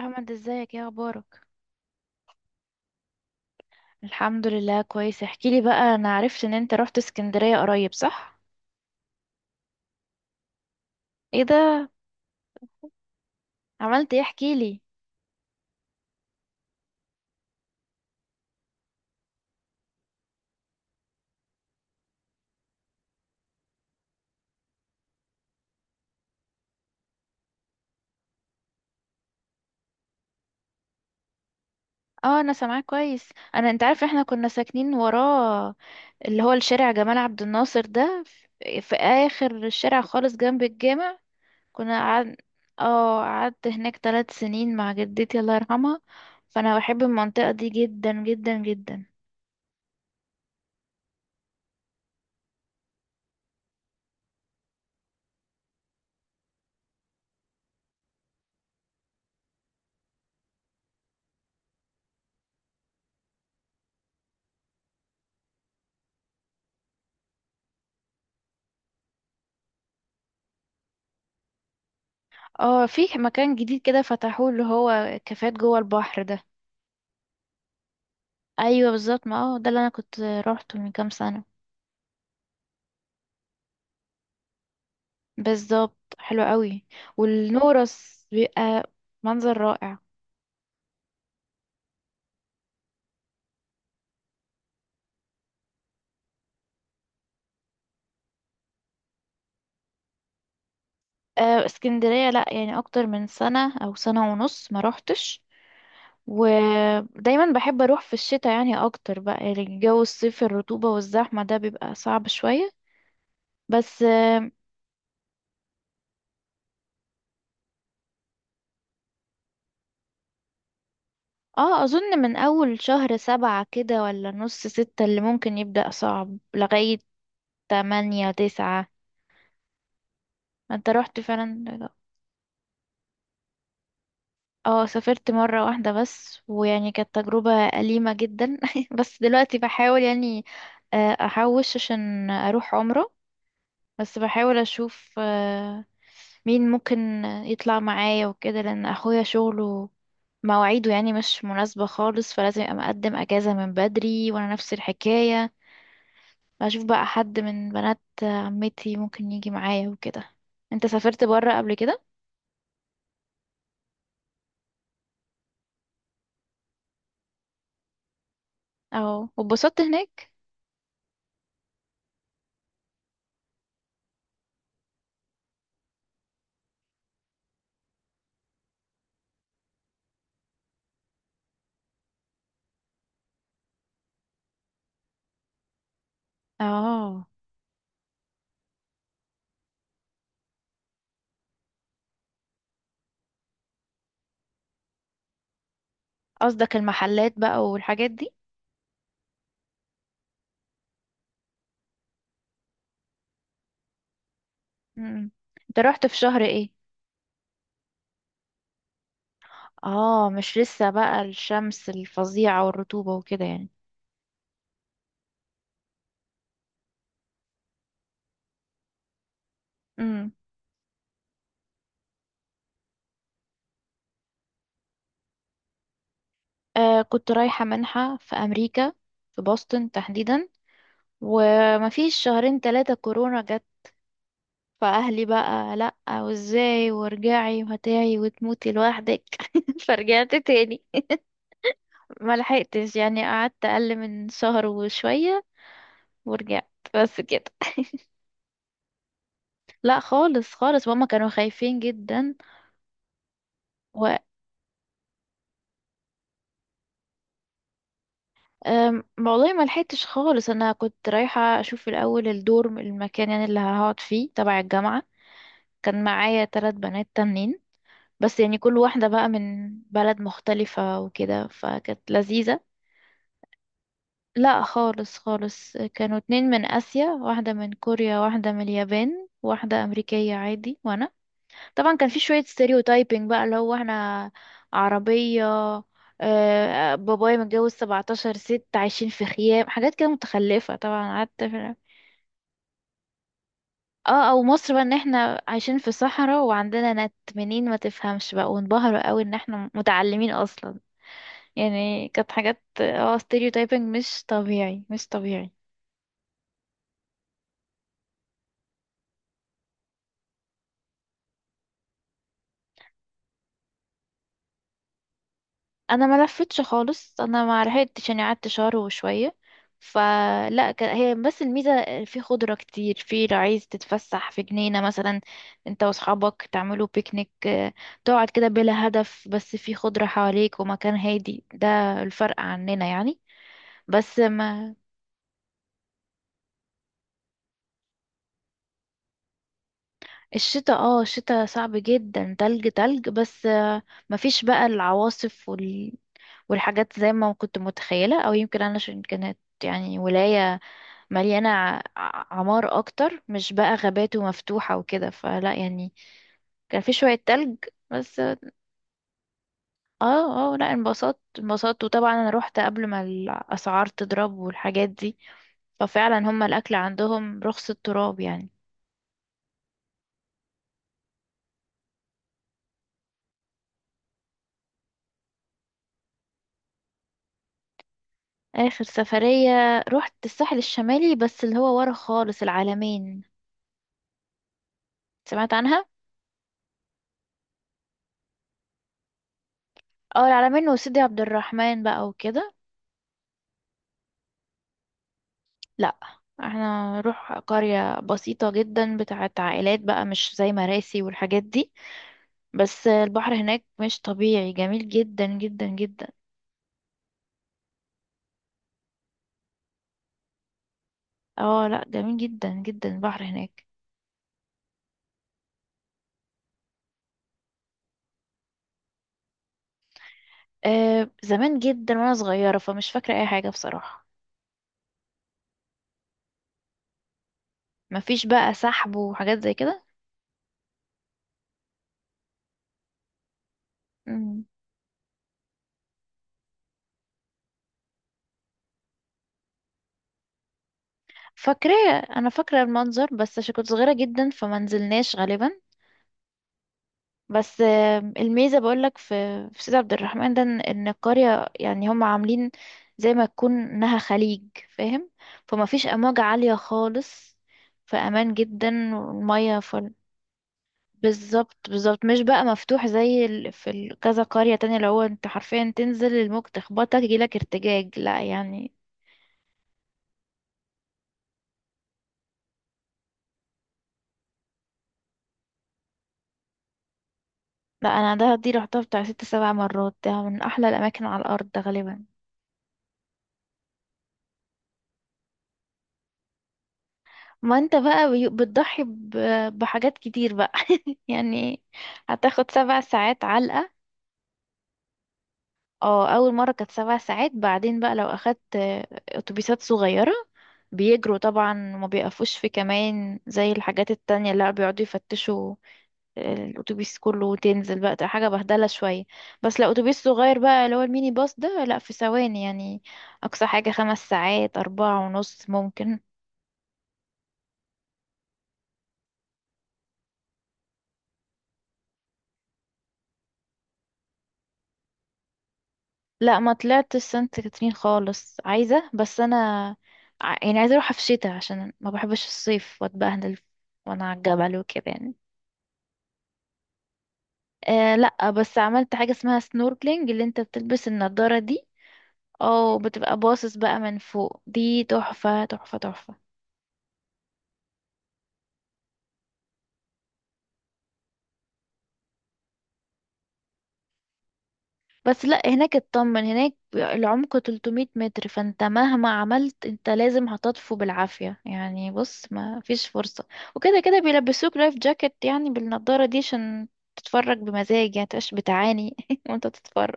احمد ازيك، يا اخبارك. الحمد لله كويس. احكيلي بقى، انا عرفت ان انت رحت اسكندرية قريب، صح؟ ايه ده؟ عملت ايه؟ احكيلي. اه انا سامعاك كويس. انا انت عارف احنا كنا ساكنين وراه، اللي هو الشارع جمال عبد الناصر ده في اخر الشارع خالص جنب الجامع. كنا قعد، اه قعدت هناك 3 سنين مع جدتي الله يرحمها. فانا بحب المنطقة دي جدا جدا جدا. اه في مكان جديد كده فتحوه، اللي هو كافيهات جوه البحر ده. ايوه بالظبط، ما هو ده اللي انا كنت روحته من كام سنه. بالظبط، حلو قوي. والنورس بيبقى منظر رائع. اسكندريه لا، يعني اكتر من سنه او سنه ونص ما روحتش. ودايما بحب اروح في الشتاء يعني اكتر، بقى يعني الجو الصيف الرطوبه والزحمه ده بيبقى صعب شويه. بس اه، اظن من اول شهر سبعة كده ولا نص ستة اللي ممكن يبدأ صعب لغاية تمانية تسعة. انت رحت فعلا؟ اه سافرت مرة واحدة بس، ويعني كانت تجربة أليمة جدا. بس دلوقتي بحاول يعني، أحوش عشان أروح عمرة. بس بحاول أشوف مين ممكن يطلع معايا وكده، لأن أخويا شغله مواعيده يعني مش مناسبة خالص، فلازم يبقى مقدم أجازة من بدري، وأنا نفس الحكاية. بشوف بقى حد من بنات عمتي ممكن يجي معايا وكده. انت سافرت برا قبل كده؟ اه، واتبسطت هناك؟ اه قصدك المحلات بقى والحاجات دي. امم. انت رحت في شهر ايه؟ اه مش لسه بقى الشمس الفظيعة والرطوبة وكده يعني؟ امم. آه كنت رايحة منحة في امريكا، في بoston تحديدا. ومفيش شهرين تلاتة كورونا جت. فاهلي بقى لأ، وازاي وارجعي وهتعي وتموتي لوحدك. فرجعت تاني. ما لحقتش يعني، قعدت اقل من شهر وشوية ورجعت، بس كده. لا خالص خالص، ماما كانوا خايفين جدا. و والله ما لحقتش خالص، انا كنت رايحه اشوف الاول الدور المكان يعني اللي هقعد فيه تبع الجامعه. كان معايا 3 بنات تانيين، بس يعني كل واحده بقى من بلد مختلفه وكده، فكانت لذيذه. لا خالص خالص، كانوا اتنين من اسيا، واحده من كوريا، واحده من اليابان، واحده امريكيه عادي وانا. طبعا كان في شوية ستيريوتايبنج بقى، اللي هو احنا عربية، بابايا متجوز 17 ست، عايشين في خيام، حاجات كده متخلفة طبعا. اه او مصر بقى ان احنا عايشين في صحراء وعندنا نت منين، ما تفهمش بقى. وانبهروا قوي ان احنا متعلمين اصلا. يعني كانت حاجات اه ستيريوتايبنج مش طبيعي، مش طبيعي. انا ما لفتش خالص، انا ما لحقتش يعني، قعدت شهر وشويه. هي بس الميزه في خضره كتير، في لو عايز تتفسح في جنينه مثلا انت واصحابك تعملوا بيكنيك، تقعد كده بلا هدف بس في خضره حواليك ومكان هادي. ده الفرق عننا يعني. بس ما الشتاء، اه الشتاء صعب جدا، تلج تلج. بس مفيش بقى العواصف وال... والحاجات زي ما كنت متخيله، او يمكن انا عشان كانت يعني ولايه مليانة عمار أكتر، مش بقى غابات ومفتوحة وكده، فلا يعني. كان في شوية تلج بس. اه اه لا انبسطت انبسطت، وطبعا أنا روحت قبل ما الأسعار تضرب والحاجات دي. ففعلا هما الأكل عندهم رخص التراب يعني. آخر سفرية روحت الساحل الشمالي، بس اللي هو ورا خالص العلمين، سمعت عنها؟ اه العلمين وسيدي عبد الرحمن بقى وكده. لا، احنا نروح قرية بسيطة جدا بتاعت عائلات بقى، مش زي مراسي والحاجات دي. بس البحر هناك مش طبيعي، جميل جدا جدا جدا. اه لا جميل جدا جدا البحر هناك. آه زمان جدا وانا صغيرة، فمش فاكرة اي حاجة بصراحة. مفيش بقى سحب وحاجات زي كده. مم. فاكرة، انا فاكرة المنظر بس، عشان كنت صغيرة جدا فمنزلناش غالبا. بس الميزة بقولك في في سيد عبد الرحمن ده، ان إن القرية يعني هم عاملين زي ما تكون انها خليج، فاهم؟ فما فيش امواج عالية خالص، في امان جدا والمية فل. بالظبط بالظبط، مش بقى مفتوح زي كذا قرية تانية اللي هو انت حرفيا تنزل الموج تخبطك يجيلك ارتجاج، لا يعني. لا انا ده دي رحتها بتاع 6 7 مرات، ده من احلى الاماكن على الارض ده غالبا. ما انت بقى بتضحي بحاجات كتير بقى. يعني هتاخد 7 ساعات علقة. اه اول مرة كانت 7 ساعات. بعدين بقى لو اخدت اتوبيسات صغيرة، بيجروا طبعا وما بيقفوش في كمان زي الحاجات التانية اللي بيقعدوا يفتشوا الاتوبيس كله، وتنزل بقى تبقى حاجه بهدله شويه. بس لو اتوبيس صغير بقى، اللي هو الميني باص ده، لا في ثواني يعني. اقصى حاجه 5 ساعات، 4 ونص ممكن. لا ما طلعت سانت كاترين خالص، عايزة بس أنا، يعني عايزة أروح في الشتاء عشان ما بحبش الصيف وأتبهدل وأنا على الجبل وكده يعني. آه لا، بس عملت حاجة اسمها سنوركلينج، اللي انت بتلبس النضارة دي أو بتبقى باصص بقى من فوق. دي تحفة تحفة تحفة. بس لا هناك اطمن، هناك العمق 300 متر، فانت مهما عملت انت لازم هتطفو بالعافية يعني، بص ما فيش فرصة. وكده كده بيلبسوك لايف جاكيت يعني بالنضارة دي عشان تتفرج بمزاج يعني، متبقاش بتعاني وانت تتفرج.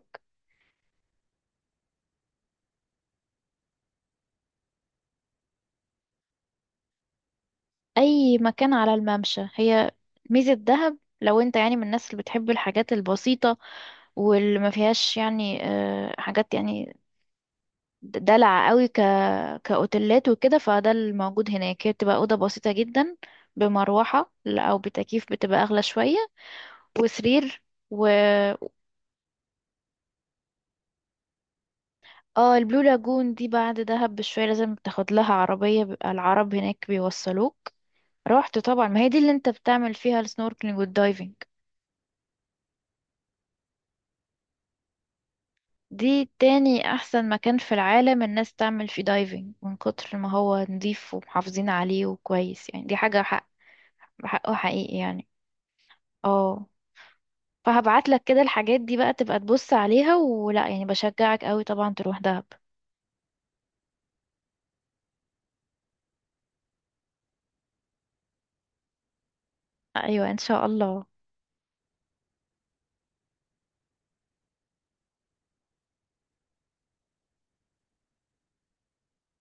اي مكان على الممشى. هي ميزة دهب، لو انت يعني من الناس اللي بتحب الحاجات البسيطة واللي ما فيهاش يعني حاجات يعني دلع قوي، كأوتيلات وكده، فده الموجود هناك. هي بتبقى أوضة بسيطة جدا بمروحة أو بتكييف بتبقى أغلى شوية، وسرير و، اه البلو لاجون دي بعد دهب بشوية، لازم تاخد لها عربية، بيبقى العرب هناك بيوصلوك. رحت طبعا، ما هي دي اللي انت بتعمل فيها السنوركلينج والدايفنج. دي تاني أحسن مكان في العالم الناس تعمل فيه دايفنج، من كتر ما هو نضيف ومحافظين عليه وكويس يعني، دي حاجة حق، حقه حقيقي يعني. اه، فهبعت لك كده الحاجات دي بقى تبقى تبص عليها ولا، يعني بشجعك قوي طبعا تروح دهب. ايوه ان شاء الله.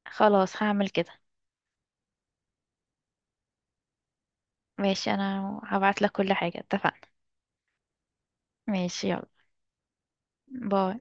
خلاص هعمل كده. ماشي، انا هبعت لك كل حاجة، اتفقنا. ماشي يلا، باي.